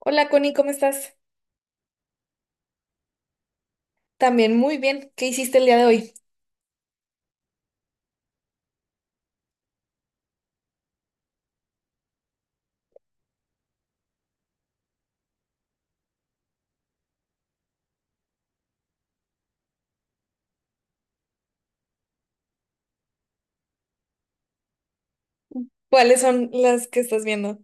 Hola Connie, ¿cómo estás? También muy bien. ¿Qué hiciste el día de hoy? ¿Cuáles son las que estás viendo?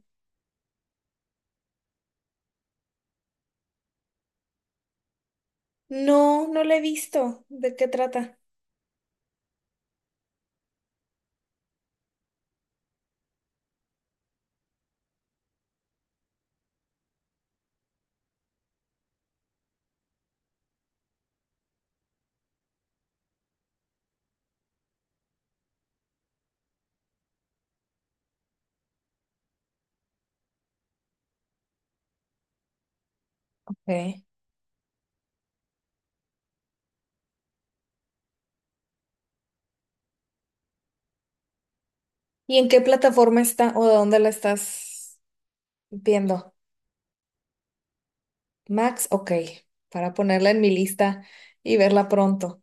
No, no la he visto. ¿De qué trata? Ok. ¿Y en qué plataforma está o de dónde la estás viendo? Max, ok, para ponerla en mi lista y verla pronto.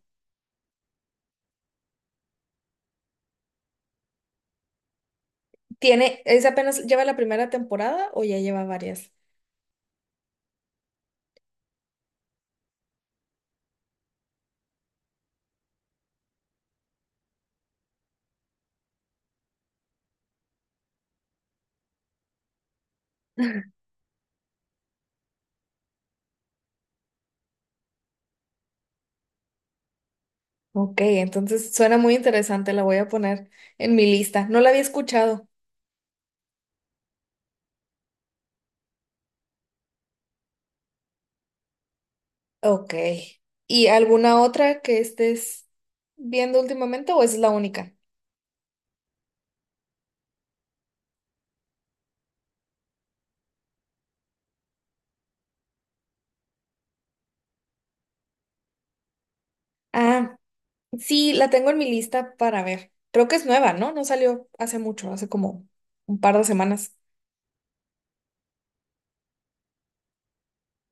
¿Tiene, es apenas, lleva la primera temporada o ya lleva varias? Ok, entonces suena muy interesante, la voy a poner en mi lista. No la había escuchado. Ok. ¿Y alguna otra que estés viendo últimamente o es la única? Ah, sí, la tengo en mi lista para ver. Creo que es nueva, ¿no? No salió hace mucho, hace como un par de semanas.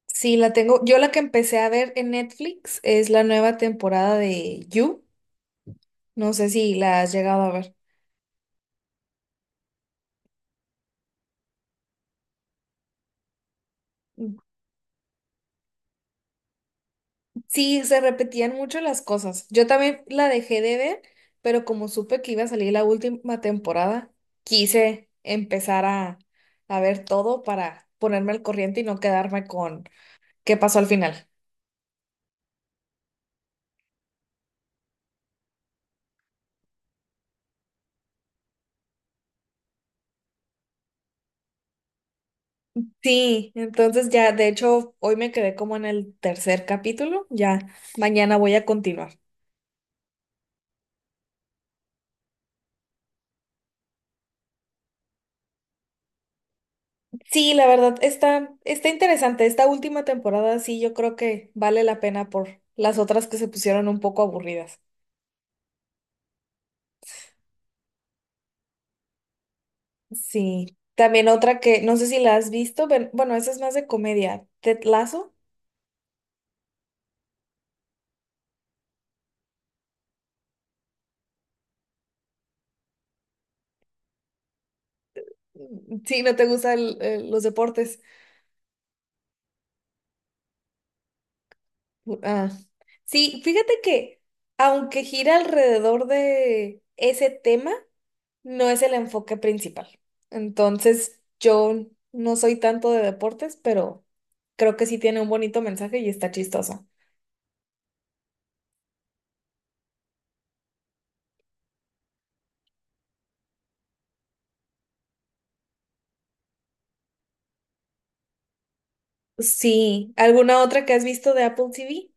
Sí, la tengo. Yo la que empecé a ver en Netflix es la nueva temporada de You. No sé si la has llegado a ver. Sí, se repetían mucho las cosas. Yo también la dejé de ver, pero como supe que iba a salir la última temporada, quise empezar a ver todo para ponerme al corriente y no quedarme con qué pasó al final. Sí, entonces ya, de hecho, hoy me quedé como en el tercer capítulo, ya mañana voy a continuar. Sí, la verdad, está interesante. Esta última temporada sí, yo creo que vale la pena por las otras que se pusieron un poco aburridas. Sí, también otra que no sé si la has visto, pero bueno, esa es más de comedia. ¿Ted Lasso? Mm, sí, no te gustan los deportes. Ah. Sí, fíjate que aunque gira alrededor de ese tema, no es el enfoque principal. Entonces, yo no soy tanto de deportes, pero creo que sí tiene un bonito mensaje y está chistoso. Sí, ¿alguna otra que has visto de Apple TV?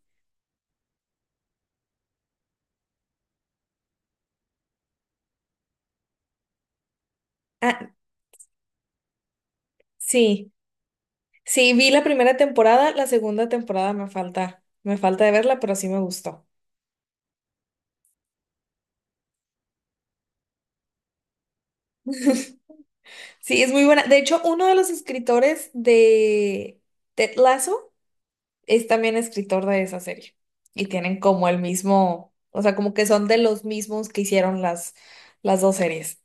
Ah, sí, sí, vi la primera temporada, la segunda temporada me falta de verla, pero sí me gustó. Sí, es muy buena. De hecho, uno de los escritores de Ted Lasso es también escritor de esa serie. Y tienen como el mismo, o sea, como que son de los mismos que hicieron las dos series.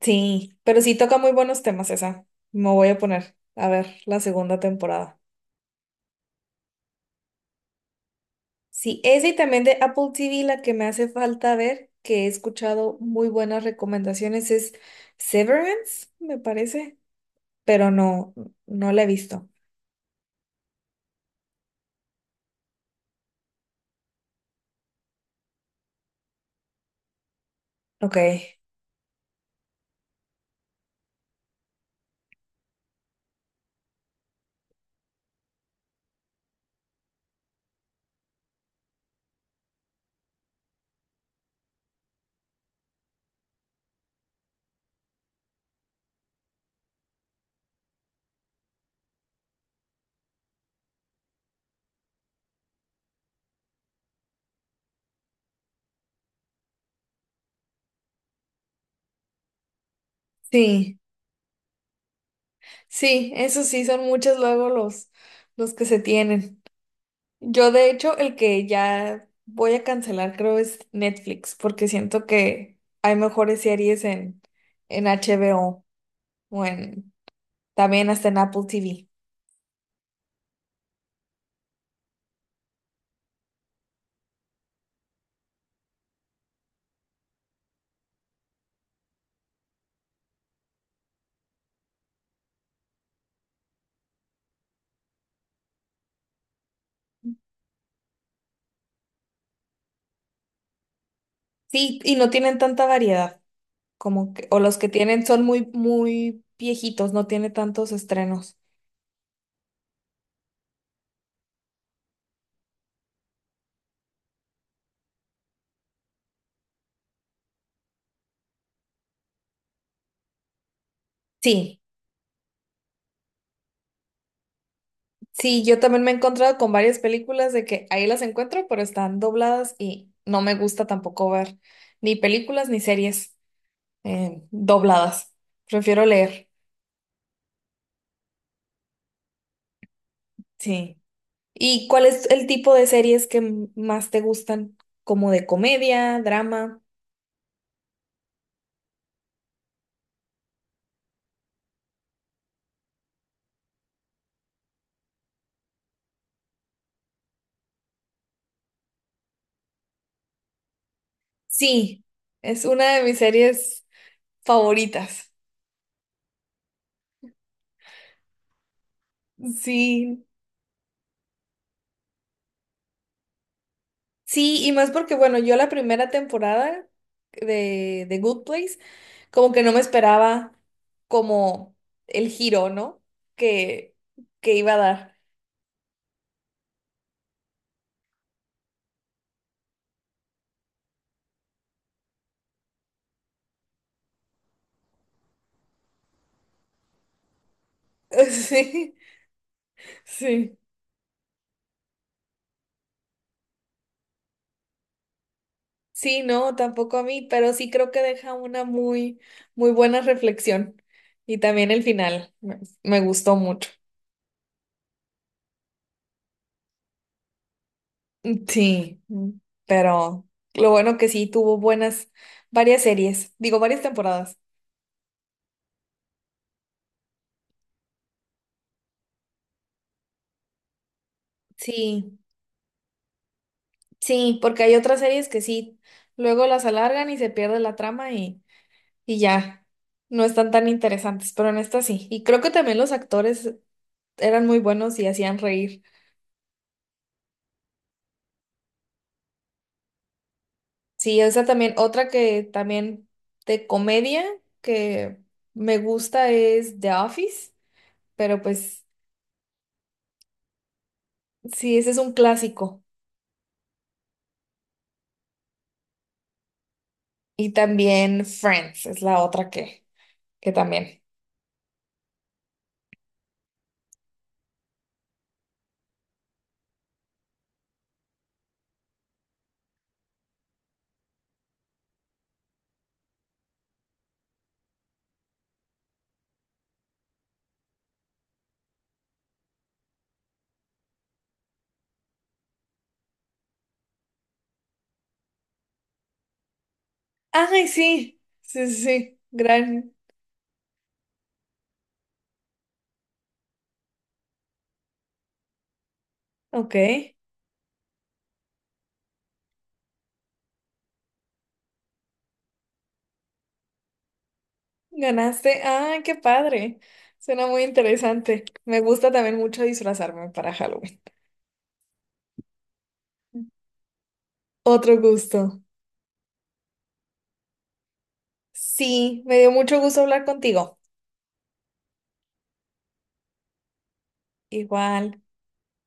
Sí, pero sí toca muy buenos temas esa. Me voy a poner a ver la segunda temporada. Sí, ese y también de Apple TV, la que me hace falta ver, que he escuchado muy buenas recomendaciones, es Severance, me parece, pero no, no la he visto. Ok. Sí, sí, eso sí, son muchos luego los que se tienen. Yo, de hecho, el que ya voy a cancelar creo es Netflix, porque siento que hay mejores series en HBO o en, también hasta en Apple TV. Sí, y no tienen tanta variedad, como que, o los que tienen son muy, muy viejitos, no tiene tantos estrenos. Sí, sí, yo también me he encontrado con varias películas de que ahí las encuentro, pero están dobladas y no me gusta tampoco ver ni películas ni series dobladas. Prefiero leer, sí. ¿Y cuál es el tipo de series que más te gustan? ¿Como de comedia, drama? Sí, es una de mis series favoritas. Sí, sí, y más porque, bueno, yo la primera temporada de Good Place, como que no me esperaba como el giro, ¿no? Que, que iba a dar. Sí, sí. Sí, no, tampoco a mí, pero sí creo que deja una muy, muy buena reflexión. Y también el final me gustó mucho. Sí, mm, pero lo bueno que sí tuvo buenas, varias series, digo, varias temporadas. Sí. Sí, porque hay otras series que sí, luego las alargan y se pierde la trama y ya, no están tan interesantes, pero en esta sí. Y creo que también los actores eran muy buenos y hacían reír. Sí, esa también, otra que también de comedia que me gusta es The Office, pero pues sí, ese es un clásico. Y también Friends es la otra que también. Ay, sí, sí, sí, sí, gran, ok, ganaste, ay, qué padre, suena muy interesante, me gusta también mucho disfrazarme para Halloween, otro gusto, sí, me dio mucho gusto hablar contigo, igual.